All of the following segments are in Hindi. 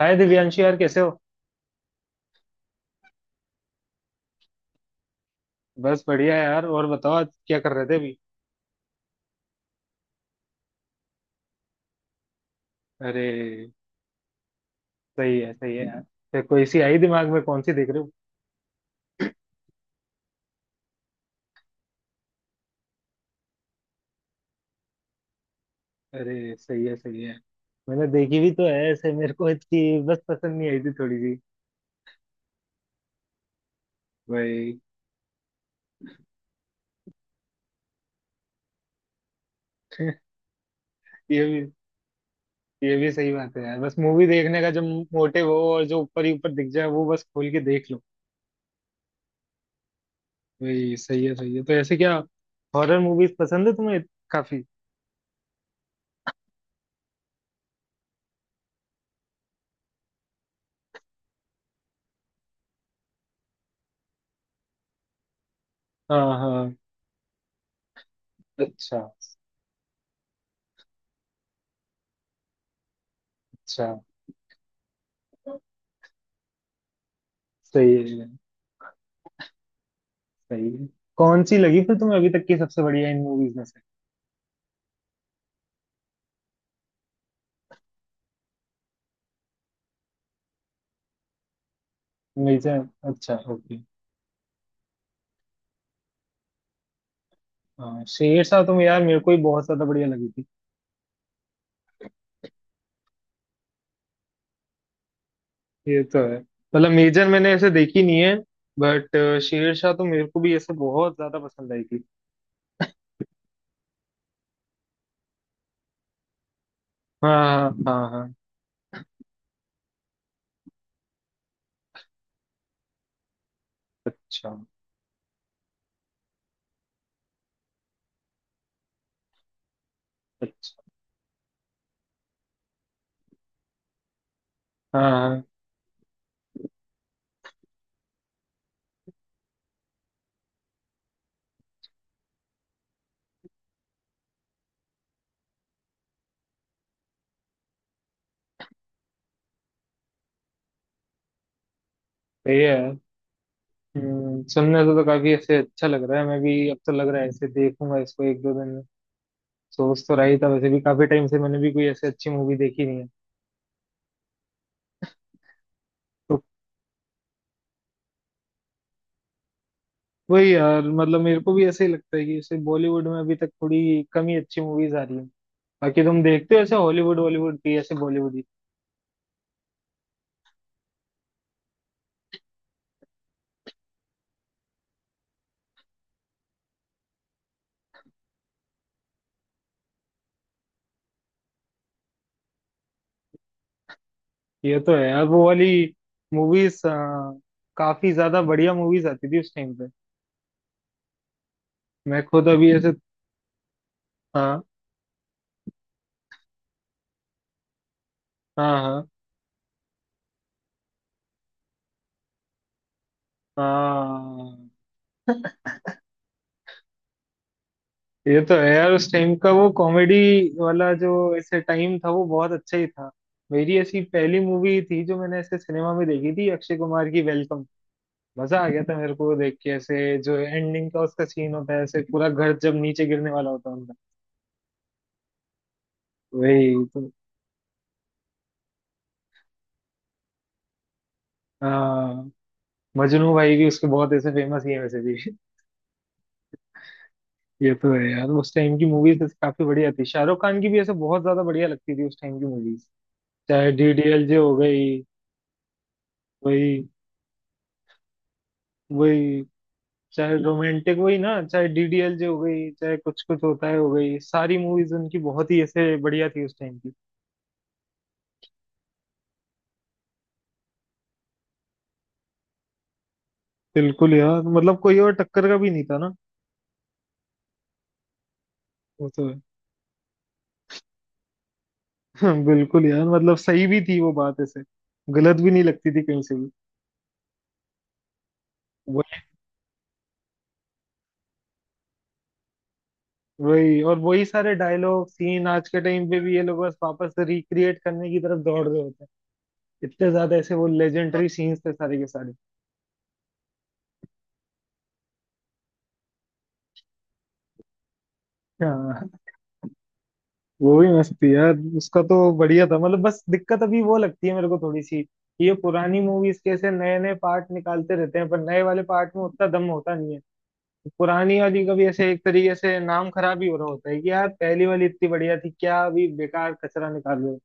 हाय दिव्यांशी, यार कैसे हो? बस बढ़िया यार। और बताओ, आज क्या कर रहे थे अभी? अरे, सही है यार। फिर कोई सी आई दिमाग में, कौन सी देख रहे हो? अरे, सही है सही है। मैंने देखी भी तो है ऐसे, मेरे को इसकी बस पसंद नहीं आई थी थोड़ी सी। भाई। ये भी ये भी सही बात है यार, बस मूवी देखने का जब मोटिव हो, और जो ऊपर ही ऊपर दिख जाए वो बस खोल के देख लो। भाई सही है सही है। तो ऐसे क्या, हॉरर मूवीज पसंद है तुम्हें काफी? हाँ हाँ। अच्छा। अच्छा, सही है सही है। कौन सी लगी फिर तुम्हें अभी तक की सबसे बढ़िया इन मूवीज में से? मेरी से। अच्छा, ओके। हाँ, शेरशाह तो यार मेरे को ही बहुत ज्यादा बढ़िया लगी थी। ये तो है, मतलब मेजर मैंने ऐसे देखी नहीं है, बट शेरशाह तो मेरे को भी ऐसे बहुत ज्यादा पसंद आई थी। हाँ हाँ हाँ हाँ। अच्छा। अच्छा, हाँ हाँ, सही है। सुनने से तो काफी ऐसे अच्छा लग रहा है, मैं भी अब तो लग रहा है ऐसे देखूंगा इसको एक दो दिन में। सोच तो रही था वैसे भी काफी टाइम से, मैंने भी कोई ऐसे अच्छी मूवी देखी नहीं है। तो वही यार, मतलब मेरे को भी ऐसे ही लगता है कि जैसे बॉलीवुड में अभी तक थोड़ी कम ही अच्छी मूवीज आ रही हैं। बाकी तुम देखते हो ऐसे हॉलीवुड बॉलीवुड की, ऐसे बॉलीवुड की? ये तो है यार, वो वाली मूवीज, काफी ज्यादा बढ़िया मूवीज आती थी उस टाइम पे। मैं खुद अभी ऐसे। हाँ हाँ हाँ हाँ। ये तो है यार, उस टाइम का वो कॉमेडी वाला जो ऐसे टाइम था वो बहुत अच्छा ही था। मेरी ऐसी पहली मूवी थी जो मैंने ऐसे सिनेमा में देखी थी, अक्षय कुमार की वेलकम। मजा आ गया था मेरे को वो देख के, ऐसे जो एंडिंग का उसका सीन होता है ऐसे पूरा घर जब नीचे गिरने वाला होता है उनका। वही तो। हाँ। मजनू भाई भी उसके बहुत ऐसे फेमस ही है वैसे भी। ये तो है यार, उस टाइम की मूवीज काफी बढ़िया थी। शाहरुख खान की भी ऐसे बहुत ज्यादा बढ़िया लगती थी उस टाइम की मूवीज। चाहे डीडीएलजे हो गई। वही। वही, चाहे रोमांटिक, वही ना, चाहे डीडीएलजे हो गई, चाहे कुछ कुछ होता है हो गई, सारी मूवीज उनकी बहुत ही ऐसे बढ़िया थी उस टाइम की। बिल्कुल यार, मतलब कोई और टक्कर का भी नहीं था ना। वो तो है। हाँ, बिल्कुल यार, मतलब सही भी थी वो बात ऐसे, गलत भी नहीं लगती थी कहीं से भी। वही। वही और वही सारे डायलॉग सीन आज के टाइम पे भी ये लोग बस वापस रिक्रिएट करने की तरफ दौड़ रहे होते हैं, इतने ज्यादा ऐसे वो लेजेंडरी सीन्स थे सारे के सारे। हाँ, वो भी मस्त थी यार, उसका तो बढ़िया था। मतलब बस दिक्कत अभी वो लगती है मेरे को थोड़ी सी, ये पुरानी मूवीज के ऐसे नए नए पार्ट निकालते रहते हैं पर नए वाले पार्ट में उतना दम होता नहीं है। पुरानी वाली का भी ऐसे एक तरीके से नाम खराब ही हो रहा होता है कि यार, पहली वाली इतनी बढ़िया थी, क्या अभी बेकार कचरा निकाल रहे हो।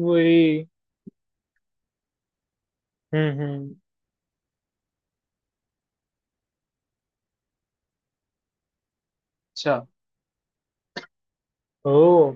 वही। हम्म। अच्छा। ओ।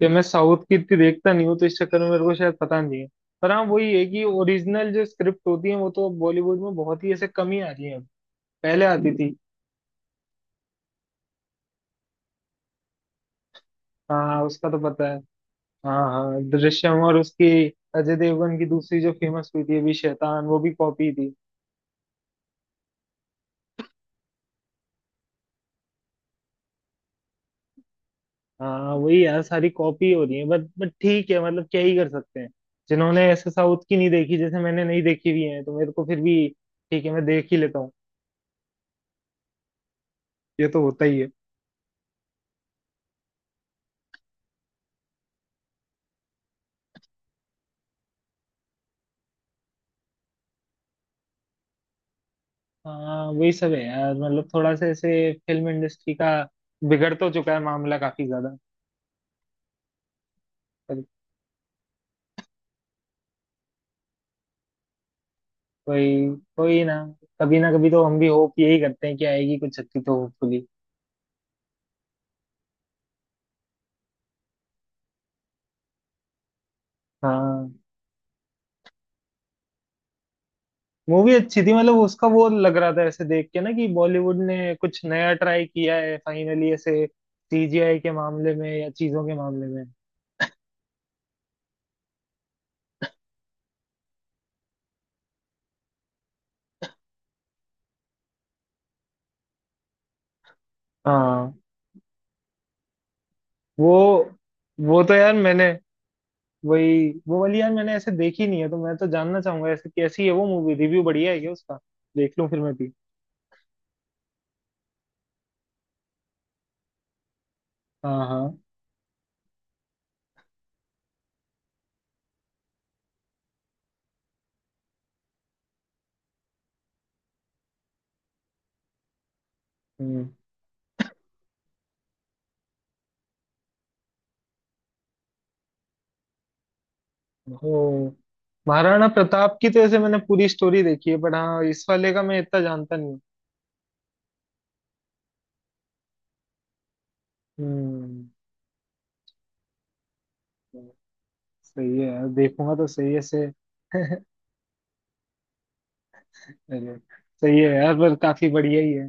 कि मैं साउथ की इतनी देखता नहीं हूँ, तो इस चक्कर में मेरे को शायद पता नहीं है। पर हाँ, वही है कि ओरिजिनल जो स्क्रिप्ट होती है वो तो बॉलीवुड में बहुत ही ऐसे कम ही आ रही है, पहले आती थी। हाँ हाँ, उसका तो पता है। हाँ हाँ, दृश्यम और उसकी अजय देवगन की दूसरी जो फेमस हुई थी अभी, शैतान, वो भी कॉपी थी। हाँ, वही यार सारी कॉपी हो रही है, बट ठीक है, मतलब क्या ही कर सकते हैं। जिन्होंने ऐसे साउथ की नहीं देखी, जैसे मैंने नहीं देखी हुई है, तो मेरे को फिर भी ठीक है, मैं देख ही लेता हूँ। ये तो होता ही है। हाँ, वही सब है यार, मतलब थोड़ा सा ऐसे फिल्म इंडस्ट्री का बिगड़ तो चुका है मामला काफी ज्यादा। पर कोई, कोई ना, कभी ना कभी तो हम भी होप यही करते हैं कि आएगी कुछ अच्छी तो, होपफुली। हाँ। मूवी अच्छी थी, मतलब उसका वो लग रहा था ऐसे देख के ना, कि बॉलीवुड ने कुछ नया ट्राई किया है फाइनली, ऐसे सीजीआई के मामले में या चीजों के मामले में। हाँ, वो वो तो यार मैंने, वही वो वाली यार मैंने ऐसे देखी नहीं है, तो मैं तो जानना चाहूंगा ऐसे कैसी है वो मूवी, रिव्यू बढ़िया है क्या उसका? देख लूं फिर मैं भी। हाँ हाँ। हम्म। ओ। महाराणा प्रताप की तो ऐसे मैंने पूरी स्टोरी देखी है, बट हाँ, इस वाले का मैं इतना जानता नहीं हूँ। हम्म। सही है यार, देखूंगा तो सही है से। अरे, सही है यार, पर काफी बढ़िया ही है।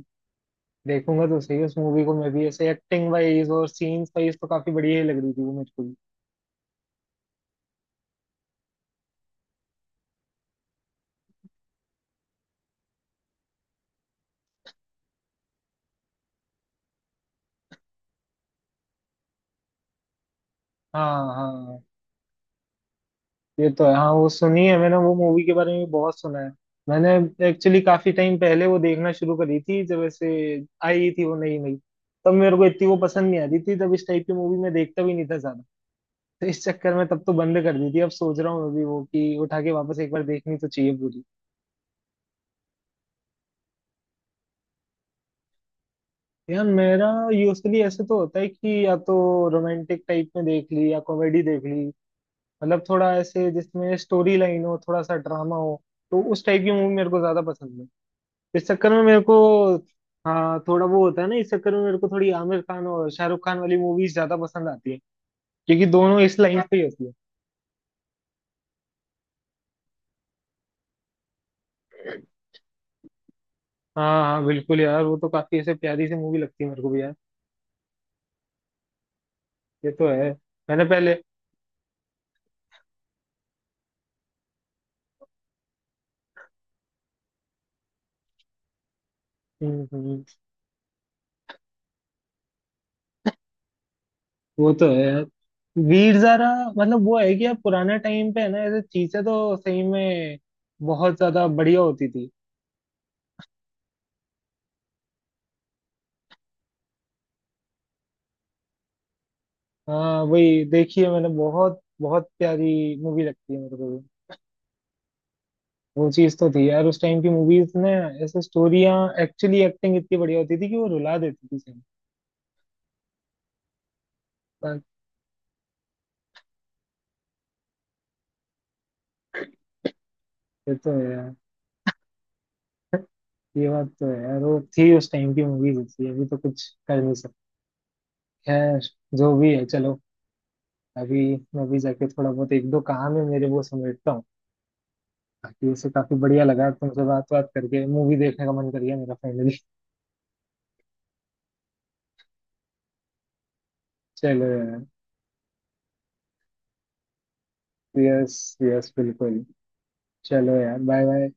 देखूंगा तो सही उस मूवी को मैं भी, ऐसे एक्टिंग वाइज और सीन्स वाइज तो काफी बढ़िया ही लग रही थी वो मुझको भी। हाँ हाँ। ये तो है, हाँ, वो सुनी है मैंने, वो मूवी के बारे में भी बहुत सुना है मैंने। एक्चुअली काफी टाइम पहले वो देखना शुरू करी थी जब ऐसे आई थी वो नई नई। तब मेरे को इतनी वो पसंद नहीं आती थी, तब इस टाइप की मूवी मैं देखता भी नहीं था ज्यादा। तो इस चक्कर में तब तो बंद कर दी थी, अब सोच रहा हूँ मैं भी वो कि उठा के वापस एक बार देखनी तो चाहिए पूरी। यार मेरा यूजली ऐसे तो होता है कि या तो रोमांटिक टाइप में देख ली या कॉमेडी देख ली। मतलब थोड़ा ऐसे जिसमें स्टोरी लाइन हो, थोड़ा सा ड्रामा हो, तो उस टाइप की मूवी मेरे को ज्यादा पसंद है। इस चक्कर में मेरे को हाँ, थोड़ा वो होता है ना। इस चक्कर में मेरे को थोड़ी आमिर खान और शाहरुख खान वाली मूवीज ज्यादा पसंद आती है, क्योंकि दोनों इस लाइन पे ही होती है। हाँ हाँ, बिल्कुल यार, वो तो काफी ऐसे प्यारी सी मूवी लगती है मेरे को भी यार। ये तो है, मैंने पहले। हम्म हम्म। वो तो है यार। भीड़ जरा, मतलब वो है कि यार पुराना टाइम पे है ना, ऐसे चीजें तो सही में बहुत ज्यादा बढ़िया होती थी। हाँ, वही देखिए मैंने, बहुत बहुत प्यारी मूवी लगती है मेरे को भी। वो चीज तो थी यार उस टाइम की मूवीज ने, ऐसे स्टोरियां, एक्चुअली एक्टिंग इतनी बढ़िया होती थी कि वो रुला देती थी सही में। पर ये तो है यार, ये बात तो है यार, वो थी उस टाइम की मूवीज ऐसी, अभी तो कुछ कर नहीं सकते। खैर, जो भी है, चलो। अभी मैं भी जाके थोड़ा बहुत एक दो कहानी मेरे वो समेटता हूँ। बाकी वैसे काफी बढ़िया लगा तुमसे बात बात करके, मूवी देखने का मन कर गया मेरा फाइनली। चलो यार। यस यस, बिल्कुल। चलो यार, बाय बाय।